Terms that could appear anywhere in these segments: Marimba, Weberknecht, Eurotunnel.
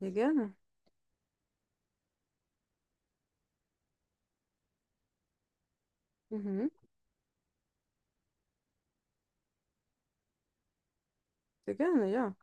Ja, gerne. Mhm. Sehr gerne, ja.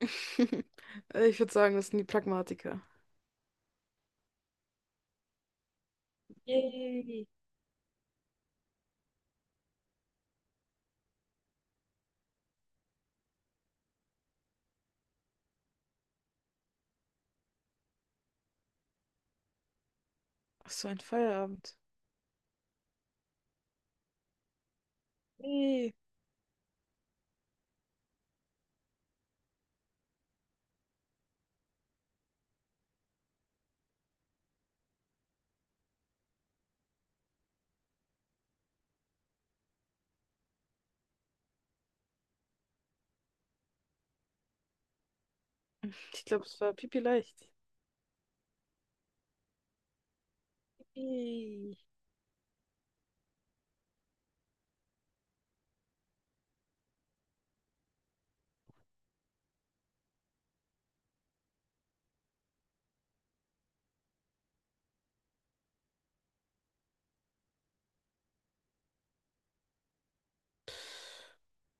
Ich würde sagen, das sind die Pragmatiker. Yay. Ach so, ein Feierabend. Yay. Ich glaube, es war pipi leicht. Yay.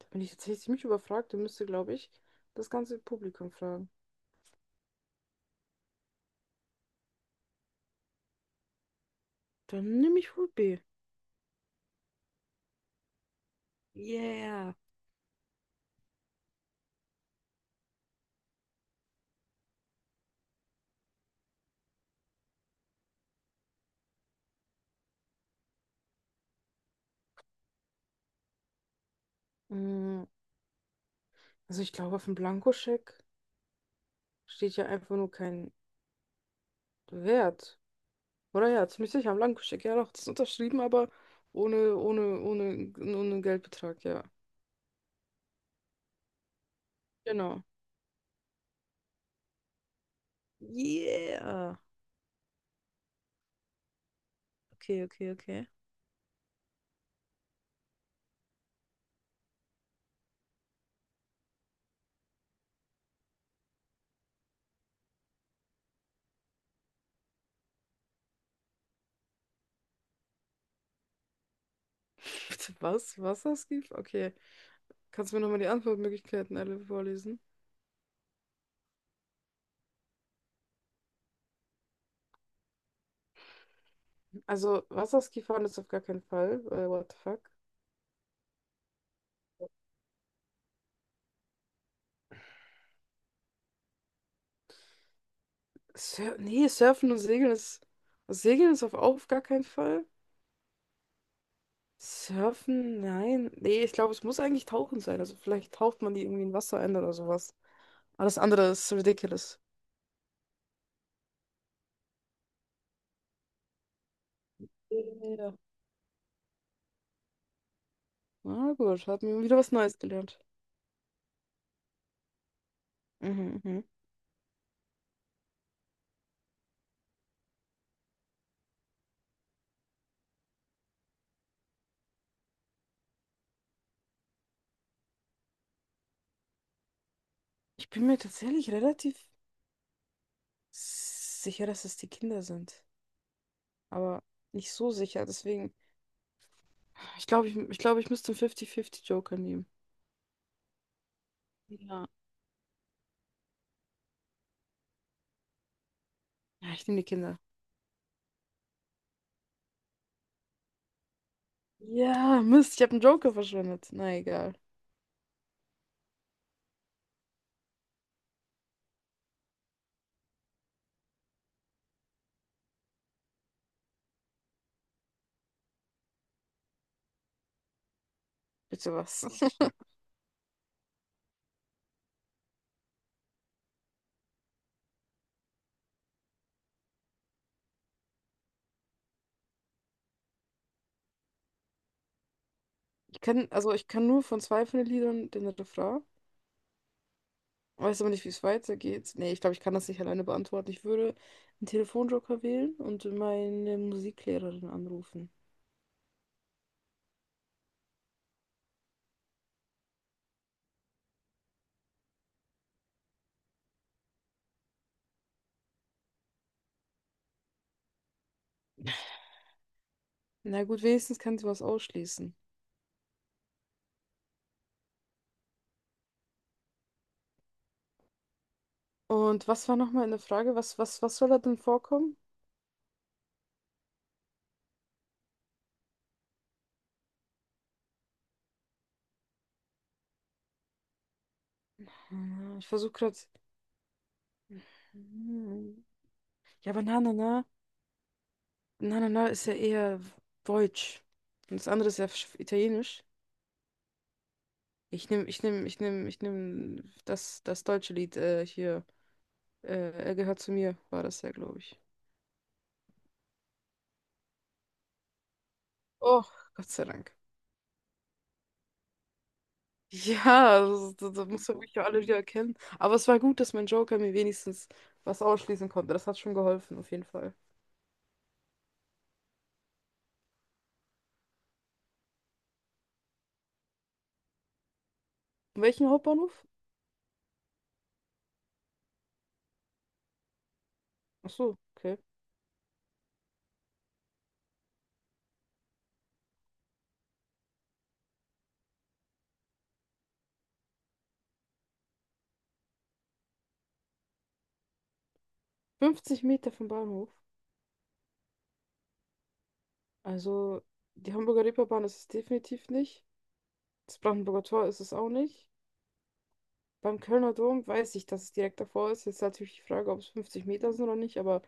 Da bin ich tatsächlich ziemlich überfragt und müsste, glaube ich, das ganze Publikum fragen. Dann nehme ich wohl B. Yeah. Mm, Also ich glaube, auf dem Blankoscheck steht ja einfach nur kein Wert. Oder ja, ziemlich sicher, am Blankoscheck, ja doch, das ist unterschrieben, aber ohne Geldbetrag, ja. Genau. Yeah. Okay, okay, okay. Bitte was? Wasserskifahren? Okay. Kannst du mir nochmal die Antwortmöglichkeiten alle vorlesen? Also, Wasserskifahren ist auf gar keinen Fall. What the fuck? Sur nee, Surfen und Segeln ist. Segeln ist auf gar keinen Fall. Surfen? Nein. Nee, ich glaube, es muss eigentlich Tauchen sein. Also, vielleicht taucht man die irgendwie in Wasser ein oder sowas. Alles andere ist ridiculous. Ja. Na gut, hat mir wieder was Neues gelernt. Mhm, mhm. Ich bin mir tatsächlich relativ sicher, dass es die Kinder sind. Aber nicht so sicher. Deswegen, ich glaube, ich müsste einen 50-50-Joker nehmen. Ja. Ja, ich nehme die Kinder. Ja, Mist, ich habe einen Joker verschwendet. Na egal. Bitte was. Also ich kann nur von zwei von den Liedern den Refrain. Weiß aber nicht, wie es weitergeht. Nee, ich glaube, ich kann das nicht alleine beantworten. Ich würde einen Telefonjoker wählen und meine Musiklehrerin anrufen. Na gut, wenigstens kann sie was ausschließen. Und was war nochmal in der Frage? Was soll da denn vorkommen? Ich versuche gerade. Hm. Ja, aber na, na, na. Na, na, na ist ja eher deutsch. Und das andere ist ja italienisch. Ich nehme das deutsche Lied hier. Äh, er gehört zu mir, war das ja, glaube ich. Oh, Gott sei Dank. Ja, das muss mich ja alle wieder erkennen. Aber es war gut, dass mein Joker mir wenigstens was ausschließen konnte. Das hat schon geholfen, auf jeden Fall. In welchem Hauptbahnhof? Ach so, okay. 50 Meter vom Bahnhof. Also, die Hamburger Reeperbahn ist es definitiv nicht. Das Brandenburger Tor ist es auch nicht. Beim Kölner Dom weiß ich, dass es direkt davor ist. Jetzt ist natürlich die Frage, ob es 50 Meter sind oder nicht, aber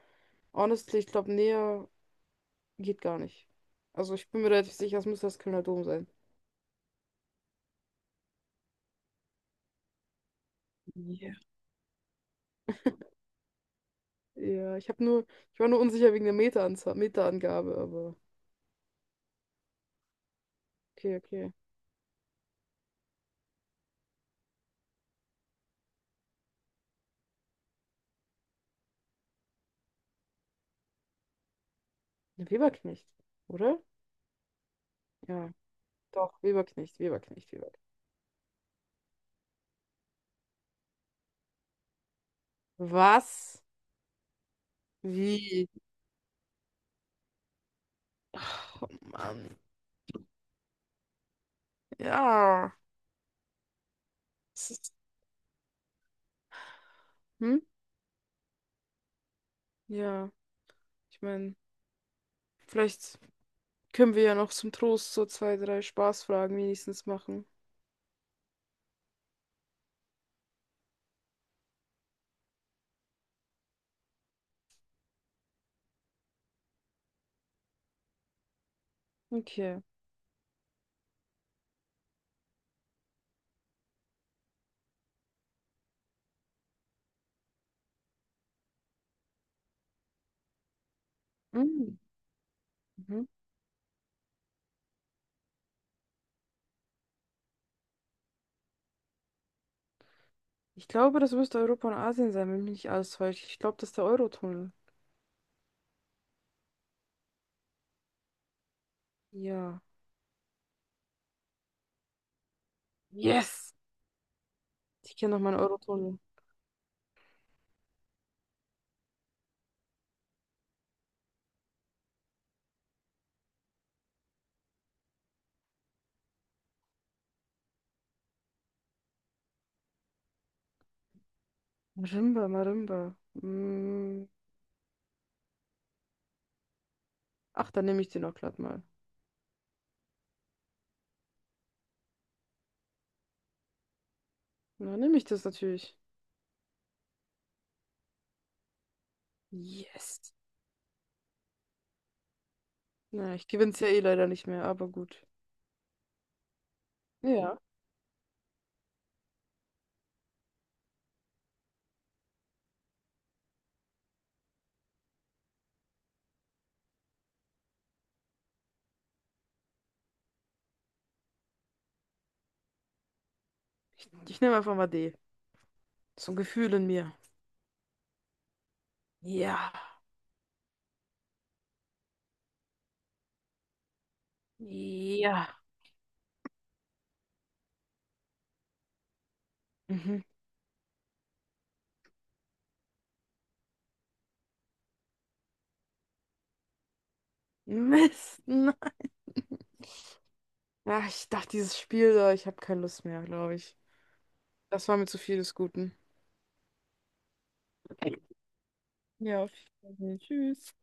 honestly, ich glaube, näher geht gar nicht. Also, ich bin mir relativ sicher, es müsste das Kölner Dom sein. Ja. Ja, ich habe nur, ich war nur unsicher wegen der Meteranzahl, Meterangabe, aber okay, okay. Eine Weberknecht, oder? Ja, doch, Weberknecht, Weberknecht, Weberknecht. Was? Wie? Oh Mann, ja. Hm? Ja, ich meine, vielleicht können wir ja noch zum Trost so zwei, drei Spaßfragen wenigstens machen. Okay. Mm. Mhm. Ich glaube, das müsste Europa und Asien sein, wenn mich nicht alles täuscht. Ich glaube, das ist der Eurotunnel. Ja. Yes! Ich kenne noch meinen Eurotunnel. Marimba, Marimba. Mm. Ach, dann nehme ich den auch glatt mal. Dann nehme ich das natürlich. Yes! Na, ich gewinne es ja eh leider nicht mehr, aber gut. Ja. Ich nehme einfach mal D. So ein Gefühl in mir. Ja. Ja. Mhm. Mist. Nein. Ach, ich dachte, dieses Spiel da, ich habe keine Lust mehr, glaube ich. Das war mir zu viel des Guten. Ja, auf jeden Tschüss.